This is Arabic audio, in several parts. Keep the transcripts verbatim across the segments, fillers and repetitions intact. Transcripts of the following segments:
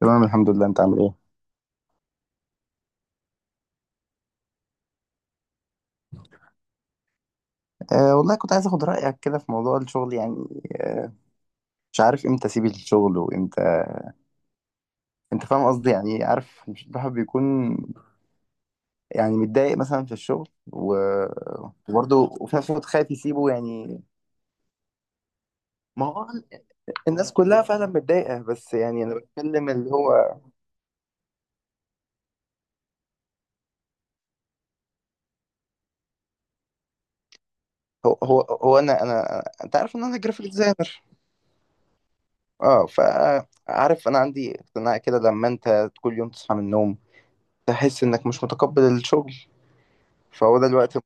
تمام، الحمد لله. انت عامل ايه؟ أه، والله كنت عايز اخد رايك كده في موضوع الشغل يعني. أه. مش عارف امتى اسيب الشغل وامتى. انت فاهم قصدي؟ يعني عارف، مش الواحد بيكون يعني متضايق مثلا في الشغل و... وبرضه وفي نفس الوقت خايف يسيبه يعني. ما هو الناس كلها فعلا متضايقه، بس يعني انا بتكلم اللي هو هو هو, هو انا انا انت عارف ان انا جرافيك ديزاينر. اه، فعارف انا عندي اقتناع كده، لما انت كل يوم تصحى من النوم تحس انك مش متقبل الشغل، فهو ده الوقت.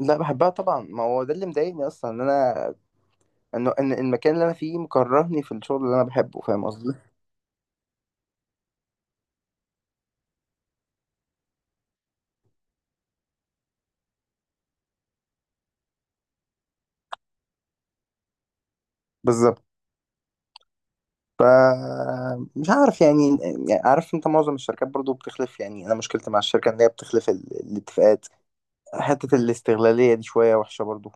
لا، بحبها طبعا، ما هو ده اللي مضايقني اصلا، ان انا انه ان إن المكان اللي انا فيه مكرهني في الشغل اللي انا بحبه. فاهم قصدي؟ بالظبط. ف مش عارف يعني. يعني عارف انت، معظم الشركات برضو بتخلف. يعني انا مشكلتي مع الشركه ان هي بتخلف ال... الاتفاقات. حته الاستغلاليه دي شويه وحشه برضو.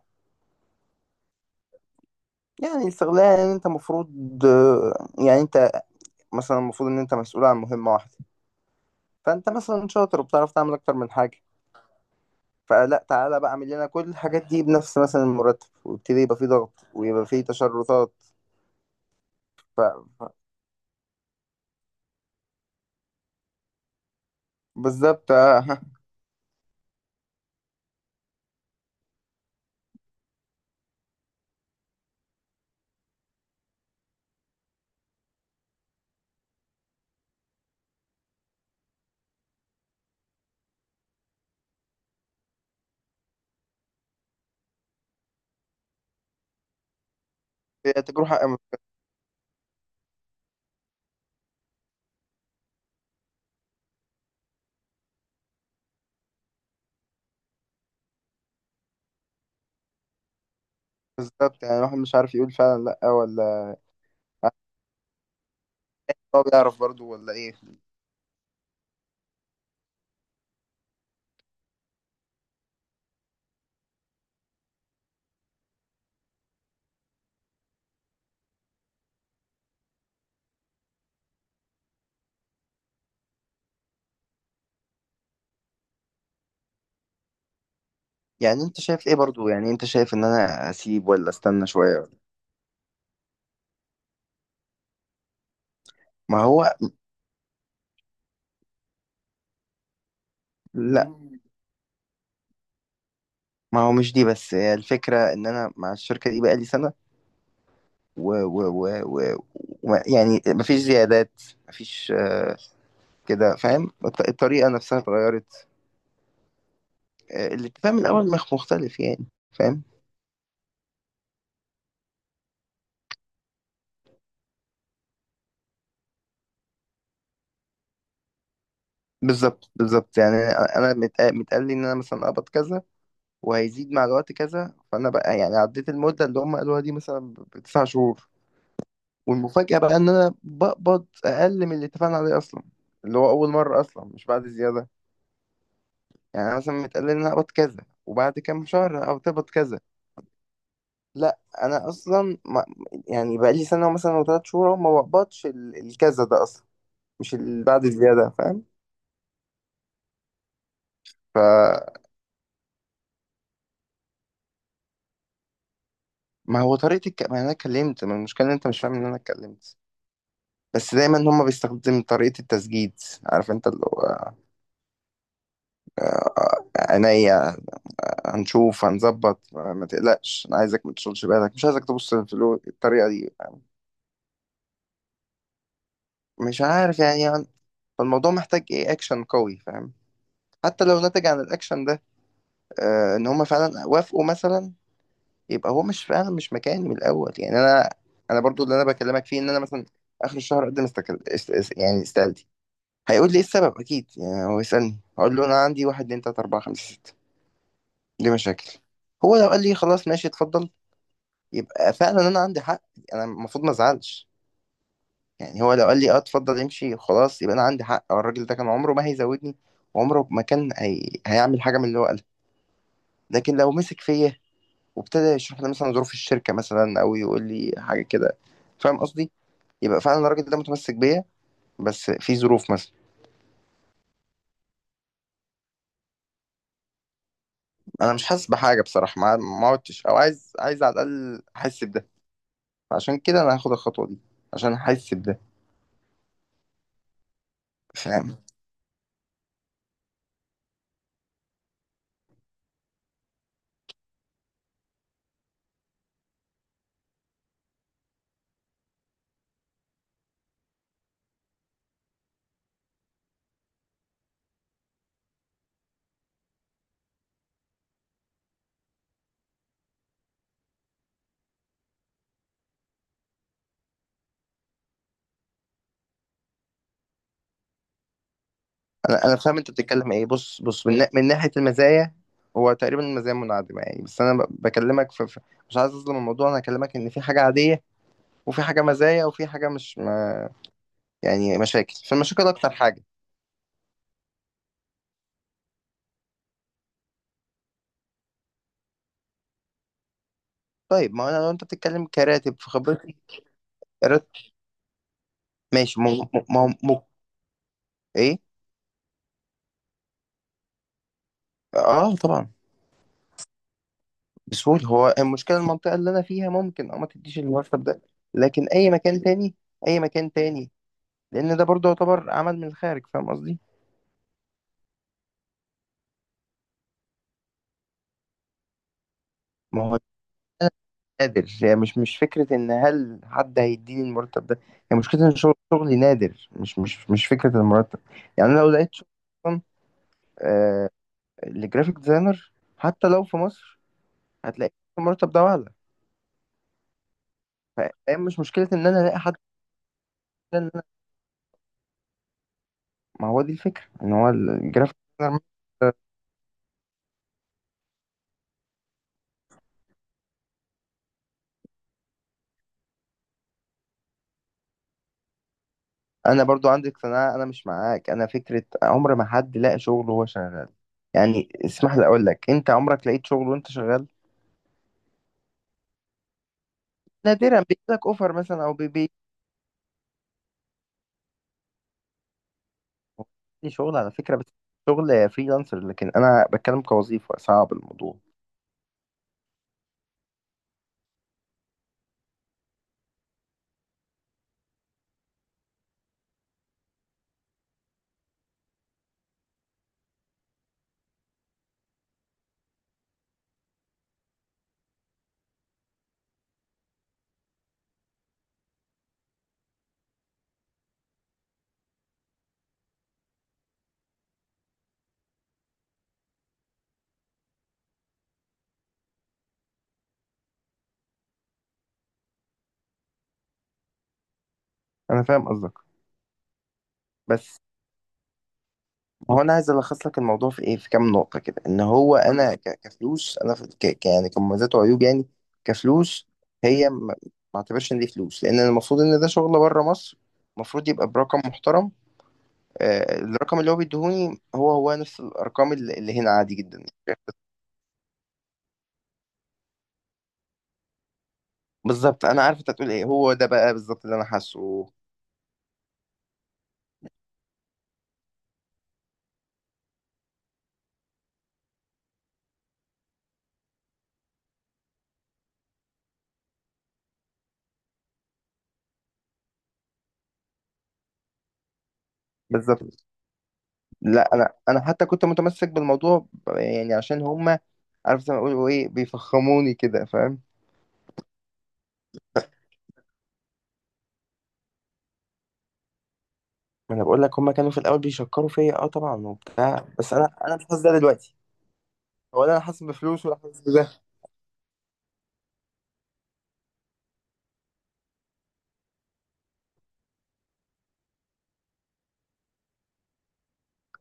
يعني الاستغلال، يعني انت المفروض، يعني انت، مثلا المفروض ان انت مسؤول عن مهمه واحده، فانت مثلا شاطر وبتعرف تعمل اكتر من حاجه، فلا، تعالى بقى اعمل لنا كل الحاجات دي بنفس مثلا المرتب، ويبتدي يبقى فيه ضغط ويبقى فيه تشرطات. ف... ف... بالظبط آه، ها. هي تجربة. بالظبط، يعني الواحد مش عارف يقول فعلا لا ولا هو بيعرف برضو ولا ايه. يعني انت شايف ايه برضو؟ يعني انت شايف ان انا اسيب ولا استنى شوية ولا؟ ما هو لا، ما هو مش دي بس، هي الفكرة ان انا مع الشركة دي بقالي سنة و... و... و... و... وما- يعني مفيش زيادات، مفيش. آه، كده، فاهم؟ الط- الطريقة نفسها اتغيرت. آه، الاتفاق من الاول مخ مختلف يعني. فاهم؟ بالظبط بالظبط، يعني انا أنا مت- متقال لي ان انا مثلا اقبض كذا وهيزيد مع الوقت كذا، فانا بقى يعني عديت المده اللي هم قالوها دي مثلا ب- بتسع شهور، والمفاجاه بقى ان انا بقبض اقل من اللي اتفقنا عليه اصلا، اللي هو اول مره اصلا، مش بعد زياده. يعني أنا مثلا متقال لي ان انا اقبض كذا وبعد كام شهر او تقبض كذا، لا انا اصلا ما، يعني بقى لي سنه مثلا او ثلاث شهور أهو، ما بقبضش ال- الكذا ده اصلا، مش اللي بعد زياده. فاهم؟ ما هو طريقة الك... ما انا اتكلمت، ما المشكلة ان انت مش فاهم ان انا اتكلمت، بس دايما هما بيستخدم طريقة التسجيل. عارف انت اللي هو عينيا، هنشوف هنظبط، ما ما تقلقش، انا عايزك ما تشغلش بالك، مش عايزك تبص في الو- الطريقة دي. مش عارف يعني. فالموضوع محتاج ايه؟ اكشن قوي. فاهم؟ حتى لو نتج عن الاكشن ده آه ان هما فعلا وافقوا مثلا، يبقى هو مش فعلا، مش مكاني من الاول يعني. انا، انا برضو اللي انا بكلمك فيه، ان انا مثلا اخر الشهر اقدم استقل... است... است... يعني استقالتي. هيقول لي ايه السبب اكيد، يعني هو يسالني هقول له انا عندي واحد اتنين تلاته اربعه خمسه سته، دي مشاكل. هو لو قال لي خلاص ماشي اتفضل، يبقى فعلا انا عندي حق، انا المفروض ما ازعلش. يعني هو لو قال لي اه اتفضل امشي خلاص، يبقى انا عندي حق، أو الراجل ده كان عمره ما هيزودني وعمره ما كان هي... هيعمل حاجه من اللي هو قالها. لكن لو مسك فيا وابتدى يشرح لي مثلا ظروف الشركه مثلا او يقول لي حاجه كده، فاهم قصدي، يبقى فعلا الراجل ده متمسك بيا، بس في ظروف مثلا. انا مش حاسس بحاجه بصراحه، ما ما عدتش، او عايز عايز على الاقل احس بده، عشان كده انا هاخد الخطوه دي، عشان احس بده. فاهم؟ انا انا فاهم انت بتتكلم ايه. بص بص، من, نا- من ناحيه المزايا، هو تقريبا المزايا منعدمه يعني، بس انا ب- بكلمك في في- مش عايز اظلم الموضوع. انا هكلمك ان في حاجه عاديه وفي حاجه مزايا وفي حاجه مش ما، يعني مشاكل، فالمشاكل اكتر حاجه. طيب، ما انا لو انت بتتكلم كراتب في خبرتي، راتب ماشي. م... م... م... م... ايه. اه طبعا. بسهولة. هو المشكلة المنطقة اللي أنا فيها ممكن أه ما تديش المرتب ده، لكن أي مكان تاني، أي مكان تاني، لأن ده برضه يعتبر عمل من الخارج. فاهم قصدي؟ ما هو أنا نادر، يعني مش مش فكرة إن هل حد هيديني المرتب ده، هي يعني مشكلة إن شغل- شغلي نادر، مش مش مش فكرة المرتب. يعني أنا لو لقيت شغل أصلا آه لجرافيك ديزاينر، حتى لو في مصر، هتلاقي المرتب ده أعلى. ف- فهي مش مشكلة إن أنا ألاقي حد، إن أنا، ما هو دي الفكرة، إن هو الجرافيك ديزاينر. انا برضو عندي اقتناع، انا مش معاك. انا فكره عمر ما حد لاقى شغل وهو شغال. يعني اسمح لي اقول لك، انت عمرك لقيت شغل وانت شغال؟ نادرا بيجيلك اوفر مثلا او بيبي لي شغل على فكره، بس شغل فريلانسر. لكن انا بتكلم كوظيفه، صعب الموضوع. انا فاهم قصدك بس، هو انا عايز الخص لك الموضوع في ايه، في كام نقطه كده، ان هو انا ك- كفلوس، انا في ك ك- يعني كمميزات وعيوب يعني. كفلوس، هي ما، ما اعتبرش ان دي فلوس، لان المفروض ان ده شغل بره مصر، المفروض يبقى برقم محترم. آه، الرقم اللي هو بيديهوني هو هو نفس الارقام اللي اللي هنا عادي جدا. بالظبط، انا عارف انت هتقول ايه، هو ده بقى بالظبط اللي انا حاسه. بالظبط. لا، انا انا حتى كنت متمسك بالموضوع، يعني عشان هما عارف زي ما بيقولوا ايه، بيفخموني كده. فاهم؟ ما انا بقول لك هما كانوا في الاول بيشكروا فيا، اه طبعا، وبتاع، بس انا انا مش حاسس ده دلوقتي، ولا انا حاسس بفلوس ولا حاسس بده.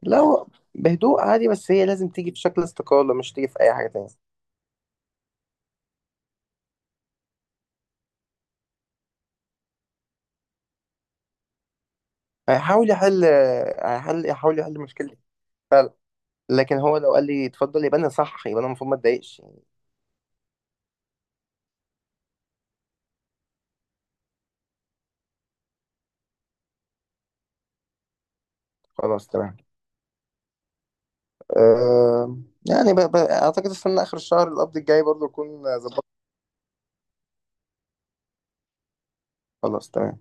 لا هو بهدوء عادي، بس هي لازم تيجي في شكل استقالة، مش تيجي في اي حاجة تانية. هيحاول يحل، هيحل، يحاول يحل مشكلة. لكن هو لو قال لي اتفضل، يبقى انا صح، يبقى انا المفروض ما اتضايقش يعني. خلاص تمام. أه. يعني ب... ب... اعتقد استنى اخر الشهر القبض الجاي برضو اكون ظبطت. خلاص تمام.